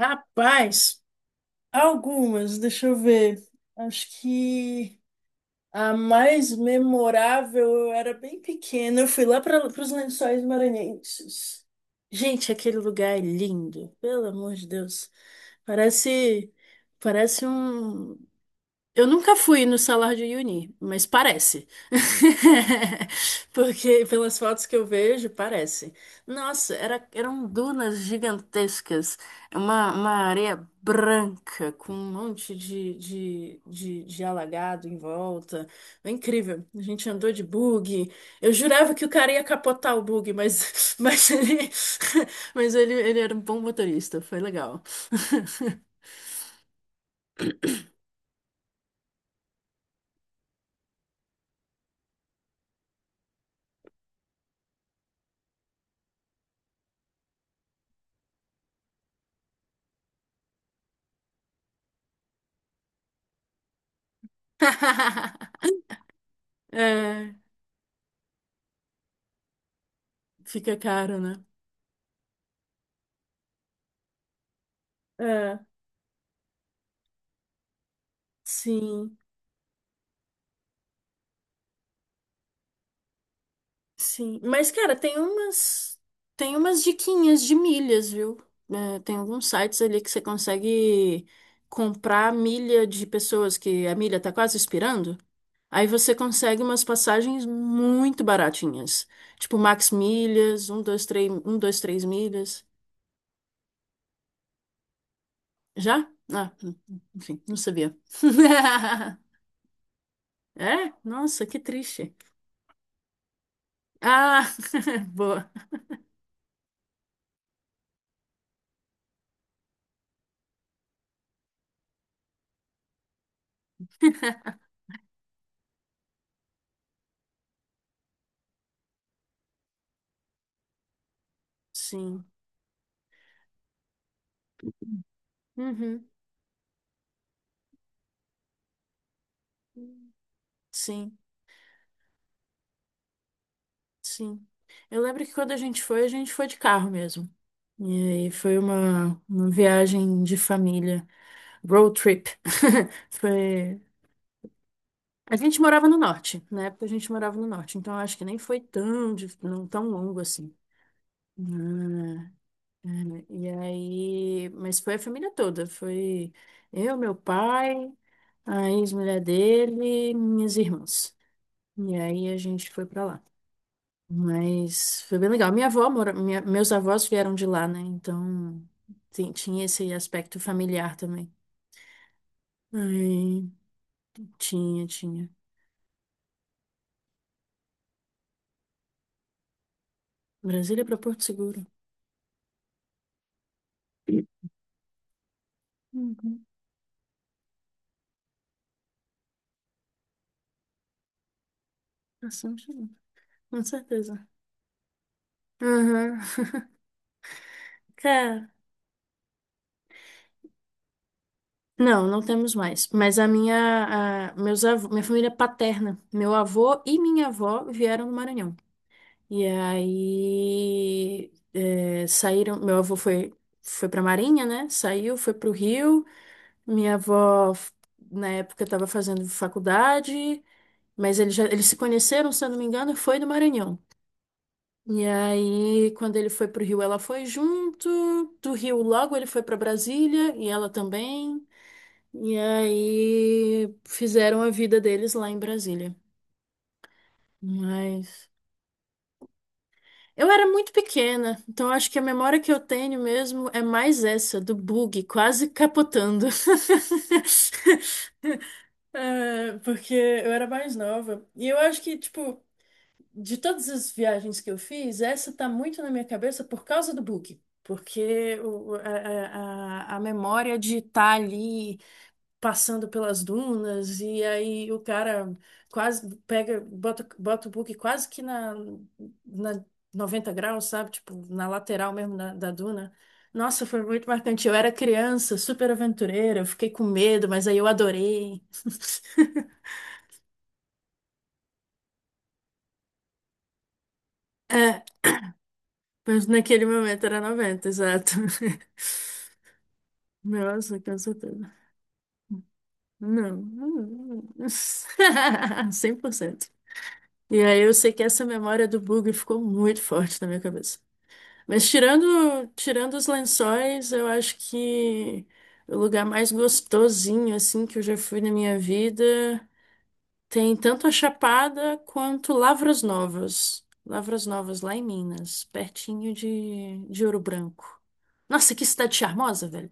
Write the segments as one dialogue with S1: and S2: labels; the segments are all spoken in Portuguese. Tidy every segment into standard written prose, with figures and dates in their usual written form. S1: Rapaz, algumas, deixa eu ver. Acho que a mais memorável, eu era bem pequena, eu fui lá para os Lençóis Maranhenses. Gente, aquele lugar é lindo, pelo amor de Deus. Parece, parece um, eu nunca fui no Salar de Uyuni, mas parece. Porque pelas fotos que eu vejo, parece. Nossa, eram dunas gigantescas. É uma areia branca com um monte de alagado em volta. É incrível. A gente andou de bug. Eu jurava que o cara ia capotar o bug, mas, mas ele era um bom motorista. Foi legal. É. Fica caro, né? É. Sim, sim. Mas, cara, tem umas diquinhas de milhas, viu? É, tem alguns sites ali que você consegue comprar milha de pessoas que a milha tá quase expirando. Aí você consegue umas passagens muito baratinhas. Tipo Max Milhas, 123 123 milhas. Já? Ah, enfim, não sabia. É? Nossa, que triste. Ah, boa. Sim. Uhum. Sim, sim. Eu lembro que quando a gente foi de carro mesmo. E aí foi uma viagem de família, road trip. Foi. A gente morava no norte, na época a gente morava no norte, então eu acho que nem foi tão, não tão longo assim. Ah, é, e aí, mas foi a família toda, foi eu, meu pai, a ex-mulher dele, minhas irmãs. E aí a gente foi pra lá. Mas foi bem legal. Minha avó mora, minha- Meus avós vieram de lá, né? Então tinha esse aspecto familiar também. Ai, tinha, tinha. Brasília para Porto Seguro. Uhum. Bastante, com certeza. Uhum. Cara, não, não temos mais. Mas meus avô, minha família paterna, meu avô e minha avó vieram do Maranhão. E aí é, saíram. Meu avô foi para Marinha, né? Saiu, foi para o Rio. Minha avó, na época, estava fazendo faculdade, mas eles se conheceram, se eu não me engano, e foi no Maranhão. E aí, quando ele foi pro Rio, ela foi junto. Do Rio, logo ele foi para Brasília e ela também. E aí, fizeram a vida deles lá em Brasília. Mas eu era muito pequena, então acho que a memória que eu tenho mesmo é mais essa, do bug quase capotando. É, porque eu era mais nova. E eu acho que, tipo, de todas as viagens que eu fiz, essa tá muito na minha cabeça por causa do book. Porque a memória de estar ali passando pelas dunas, e aí o cara quase pega, bota o book quase que na 90 graus, sabe? Tipo, na lateral mesmo da duna. Nossa, foi muito marcante. Eu era criança, super aventureira, eu fiquei com medo, mas aí eu adorei. É, mas naquele momento era 90 exato. Nossa, com certeza. Não. 100%. E aí eu sei que essa memória do bug ficou muito forte na minha cabeça. Mas tirando os lençóis, eu acho que o lugar mais gostosinho assim que eu já fui na minha vida. Tem tanto a Chapada quanto Lavras Novas. Lavras Novas, lá em Minas, pertinho de Ouro Branco. Nossa, que cidade charmosa, velho.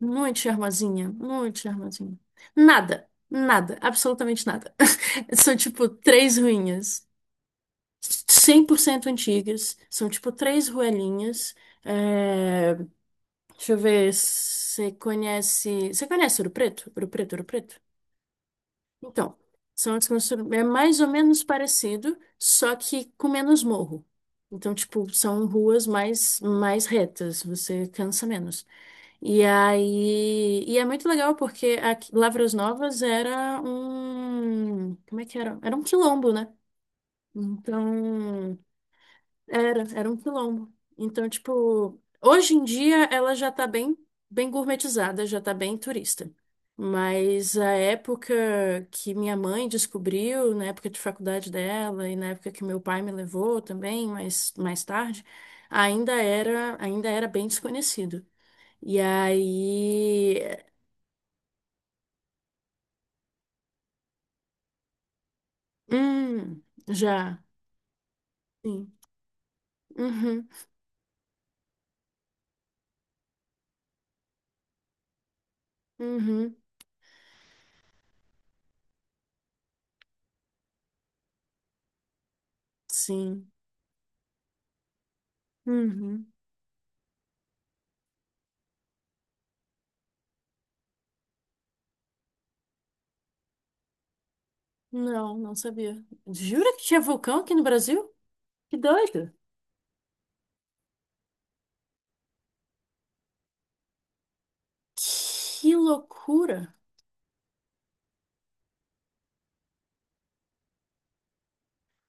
S1: Muito charmosinha, muito charmosinha. Nada, nada, absolutamente nada. São tipo três ruínas, 100% antigas, são tipo três ruelinhas. É... Deixa eu ver, você conhece. Você conhece Ouro Preto? Ouro Preto, Ouro Preto? Então, é mais ou menos parecido, só que com menos morro. Então, tipo, são ruas mais retas, você cansa menos. E aí, e é muito legal porque aqui, Lavras Novas era um, como é que era? Era um quilombo, né? Então, era um quilombo. Então, tipo, hoje em dia ela já tá bem, bem gourmetizada, já tá bem turista. Mas a época que minha mãe descobriu, na época de faculdade dela e na época que meu pai me levou também, mas mais tarde, ainda era bem desconhecido. E aí, hum, já, sim. Uhum, uhum, sim. Uhum. Não, não sabia. Jura que tinha vulcão aqui no Brasil? Que doido! Que loucura!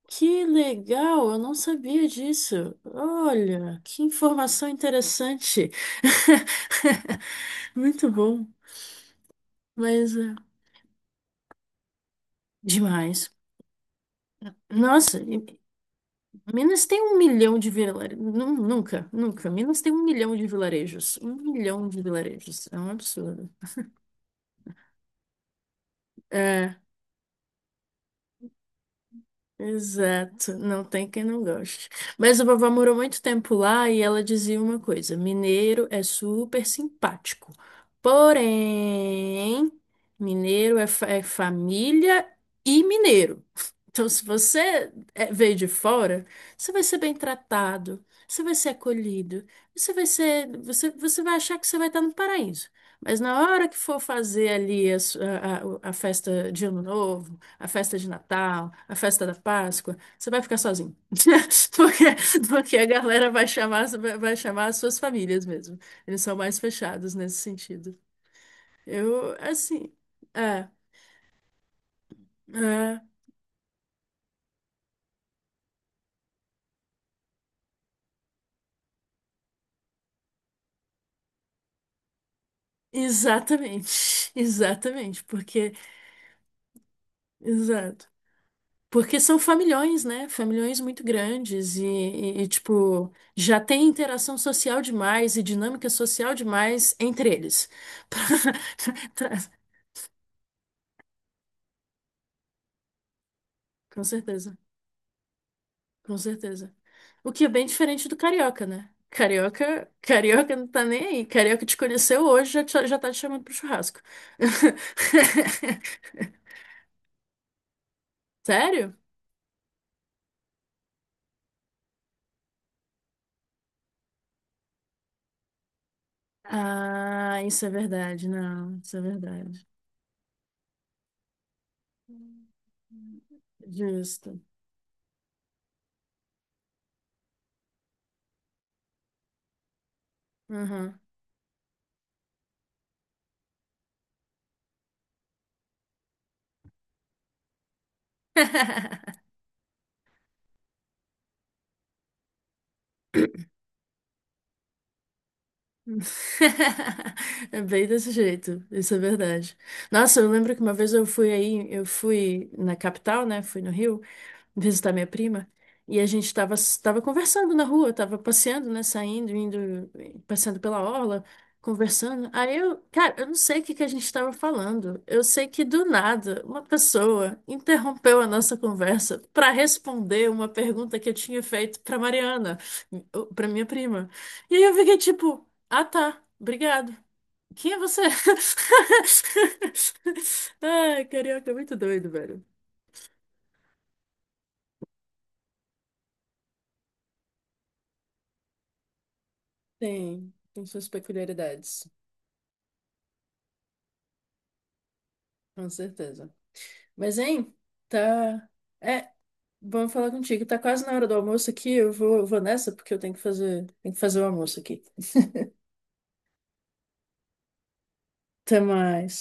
S1: Que legal! Eu não sabia disso. Olha, que informação interessante. Muito bom, mas é, demais. Nossa, Minas tem um milhão de vilarejos. Nunca, nunca. Minas tem um milhão de vilarejos. Um milhão de vilarejos. É um absurdo. É. Exato, não tem quem não goste. Mas a vovó morou muito tempo lá e ela dizia uma coisa: mineiro é super simpático. Porém, mineiro é família e mineiro. Então, se você veio de fora, você vai ser bem tratado, você vai ser acolhido, você vai achar que você vai estar no paraíso. Mas na hora que for fazer ali a festa de Ano Novo, a festa de Natal, a festa da Páscoa, você vai ficar sozinho. Porque, porque a galera vai chamar as suas famílias mesmo. Eles são mais fechados nesse sentido. Eu, assim, é, é, exatamente, exatamente, porque, exato. Porque são familhões, né? Familhões muito grandes e, tipo, já tem interação social demais e dinâmica social demais entre eles. Com certeza. Com certeza. O que é bem diferente do carioca, né? Carioca, carioca não tá nem aí. Carioca te conheceu hoje, já, já tá te chamando pro churrasco. Sério? Ah, isso é verdade. Não, isso é verdade. Justo. Uhum. É bem desse jeito, isso é verdade. Nossa, eu lembro que uma vez eu fui aí, eu fui na capital, né? Fui no Rio visitar minha prima e a gente tava conversando na rua, tava passeando, né? Saindo, indo, passeando pela orla, conversando. Aí, cara, eu não sei o que que a gente tava falando. Eu sei que do nada uma pessoa interrompeu a nossa conversa para responder uma pergunta que eu tinha feito para Mariana, para minha prima. E aí eu fiquei tipo. Ah, tá. Obrigado. Quem é você? Ai, carioca é muito doido, velho. Tem suas peculiaridades, com certeza. Mas, hein, tá. É, vamos falar contigo. Tá quase na hora do almoço aqui. Eu vou nessa porque eu tenho que fazer o almoço aqui. Até mais.